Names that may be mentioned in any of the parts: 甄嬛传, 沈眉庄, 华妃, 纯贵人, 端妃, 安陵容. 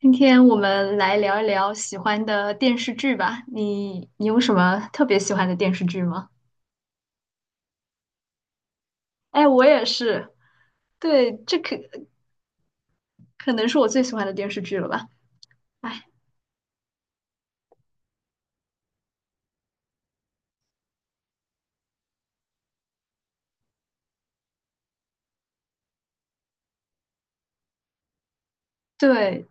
今天我们来聊一聊喜欢的电视剧吧。你有什么特别喜欢的电视剧吗？哎，我也是。对，这可能是我最喜欢的电视剧了吧？哎，对，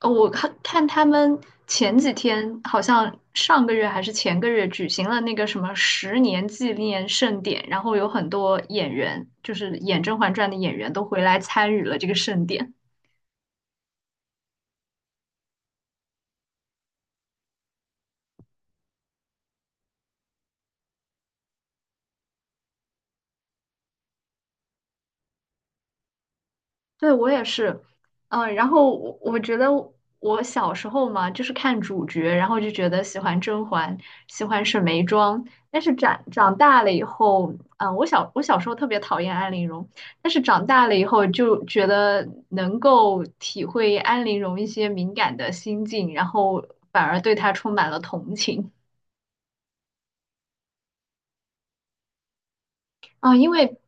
我看看他们前几天好像上个月还是前个月举行了那个什么十年纪念盛典，然后有很多演员，就是演《甄嬛传》的演员都回来参与了这个盛典。对，我也是，嗯，然后我觉得我小时候嘛，就是看主角，然后就觉得喜欢甄嬛，喜欢沈眉庄，但是长大了以后，嗯，我小时候特别讨厌安陵容，但是长大了以后就觉得能够体会安陵容一些敏感的心境，然后反而对她充满了同情。啊，因为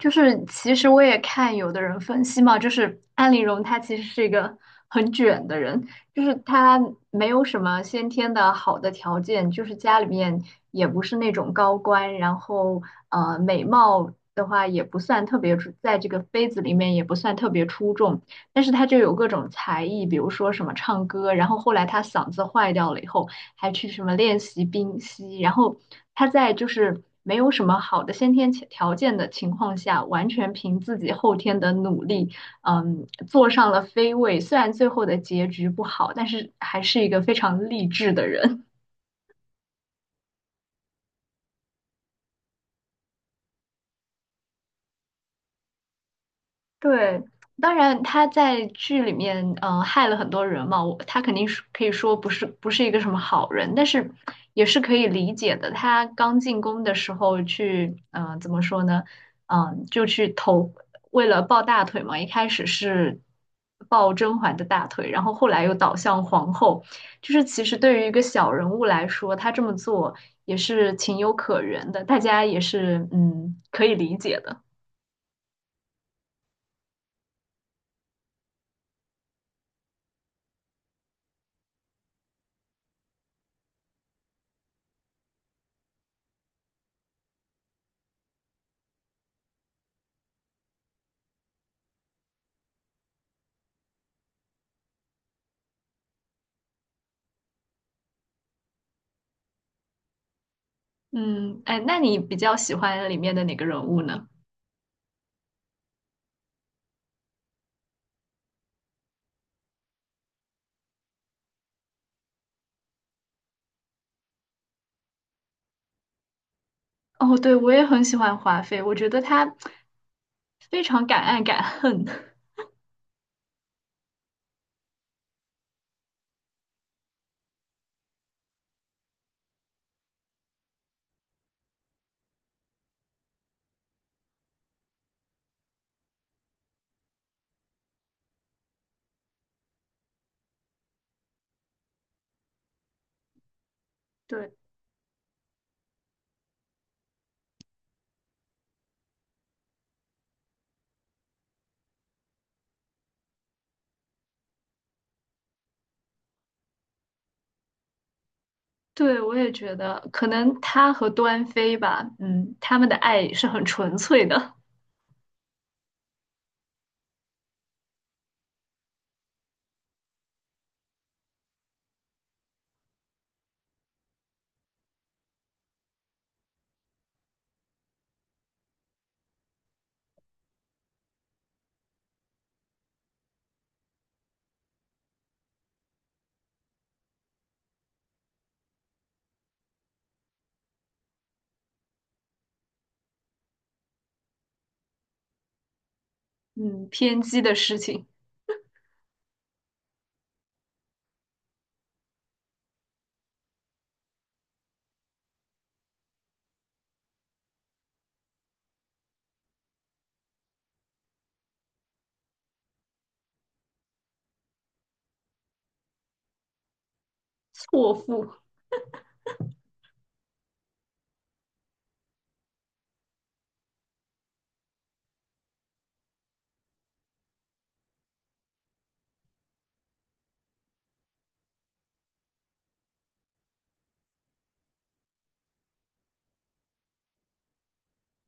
就是其实我也看有的人分析嘛，就是安陵容她其实是一个很卷的人，就是她没有什么先天的好的条件，就是家里面也不是那种高官，然后美貌的话也不算特别出，在这个妃子里面也不算特别出众，但是她就有各种才艺，比如说什么唱歌，然后后来她嗓子坏掉了以后。还去什么练习冰嬉，然后他在就是没有什么好的先天条件的情况下，完全凭自己后天的努力，嗯，坐上了飞位。虽然最后的结局不好，但是还是一个非常励志的人。对，当然他在剧里面，嗯、害了很多人嘛，我他肯定是可以说不是一个什么好人，但是也是可以理解的。他刚进宫的时候去，嗯、怎么说呢？嗯、就去投，为了抱大腿嘛，一开始是抱甄嬛的大腿，然后后来又倒向皇后，就是其实对于一个小人物来说，他这么做也是情有可原的，大家也是嗯可以理解的。嗯，哎，那你比较喜欢里面的哪个人物呢？哦，对，我也很喜欢华妃，我觉得她非常敢爱敢恨。对，对，我也觉得，可能她和端妃吧，嗯，他们的爱是很纯粹的，嗯，偏激的事情，错付。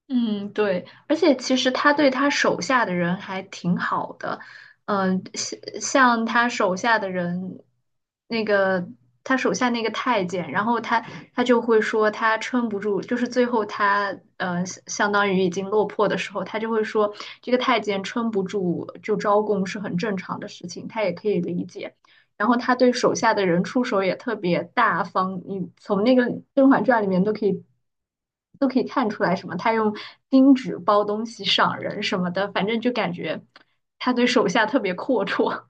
嗯，对，而且其实他对他手下的人还挺好的，嗯、像他手下的人，那个他手下那个太监，然后他他就会说他撑不住，就是最后他相当于已经落魄的时候，他就会说这个太监撑不住就招供是很正常的事情，他也可以理解。然后他对手下的人出手也特别大方，你从那个《甄嬛传》里面都可以看出来什么，他用金纸包东西赏人什么的，反正就感觉他对手下特别阔绰。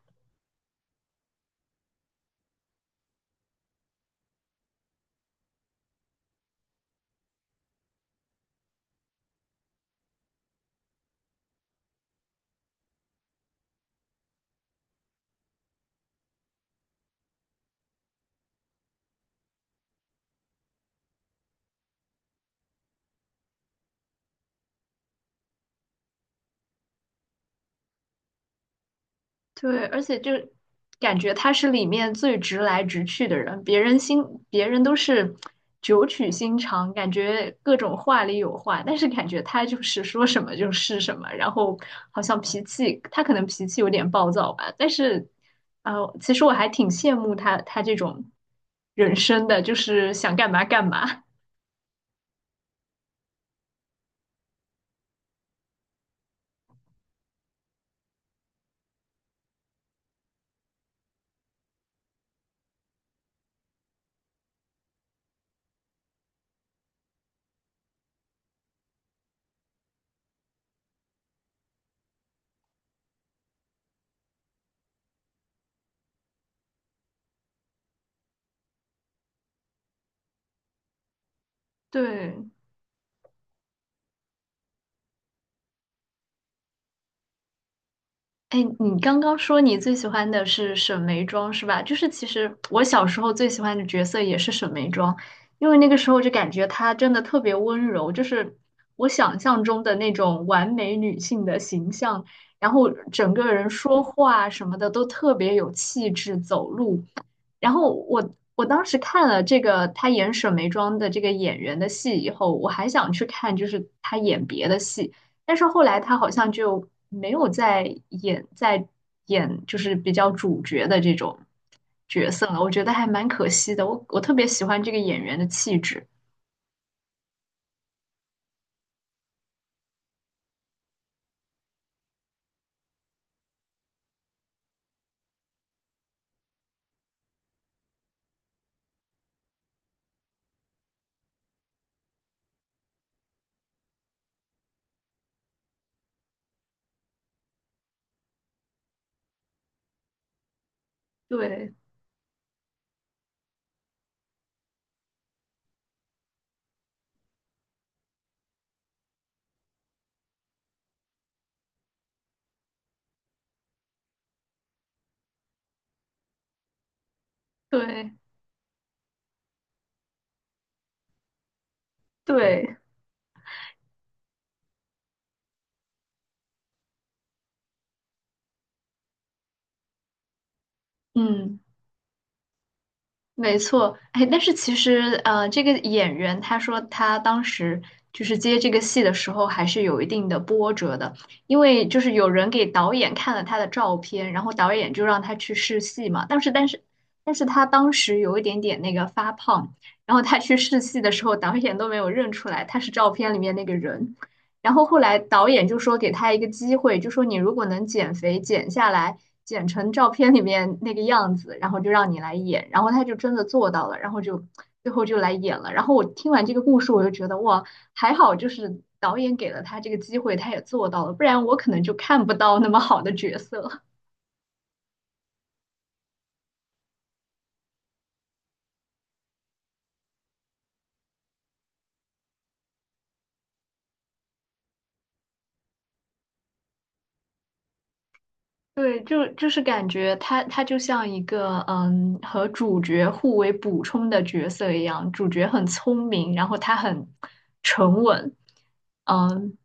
对，而且就感觉他是里面最直来直去的人，别人都是九曲心肠，感觉各种话里有话，但是感觉他就是说什么就是什么，然后好像脾气他可能有点暴躁吧，但是其实我还挺羡慕他这种人生的，就是想干嘛干嘛。对，哎，你刚刚说你最喜欢的是沈眉庄是吧？就是其实我小时候最喜欢的角色也是沈眉庄，因为那个时候就感觉她真的特别温柔，就是我想象中的那种完美女性的形象，然后整个人说话什么的都特别有气质，走路。然后我当时看了这个她演沈眉庄的这个演员的戏以后，我还想去看就是她演别的戏。但是后来他好像就没有再演就是比较主角的这种角色了，我觉得还蛮可惜的。我特别喜欢这个演员的气质，对对对，嗯。没错，哎，但是其实，这个演员他说他当时就是接这个戏的时候，还是有一定的波折的，因为就是有人给导演看了他的照片，然后导演就让他去试戏嘛。但是他当时有一点点那个发胖，然后他去试戏的时候，导演都没有认出来他是照片里面那个人。然后后来导演就说给他一个机会，就说你如果能减肥减下来，减成照片里面那个样子，然后就让你来演。然后他就真的做到了，然后就最后就来演了。然后我听完这个故事，我就觉得哇，还好就是导演给了他这个机会，他也做到了，不然我可能就看不到那么好的角色。对，就就是感觉他就像一个嗯和主角互为补充的角色一样，主角很聪明，然后他很沉稳，嗯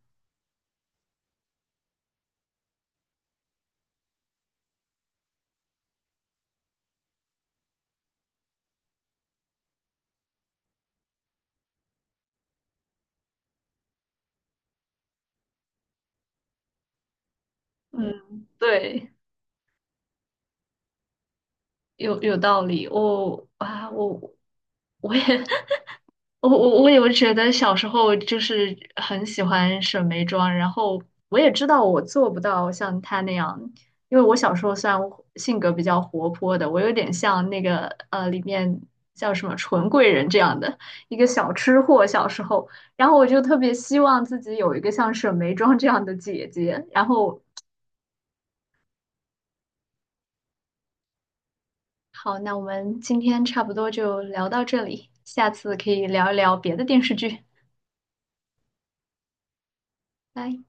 嗯，对，有有道理，我啊我我也 我有觉得小时候就是很喜欢沈眉庄，然后我也知道我做不到像她那样，因为我小时候虽然性格比较活泼的，我有点像那个里面叫什么纯贵人这样的一个小吃货小时候，然后我就特别希望自己有一个像沈眉庄这样的姐姐。然后好，那我们今天差不多就聊到这里，下次可以聊一聊别的电视剧，拜。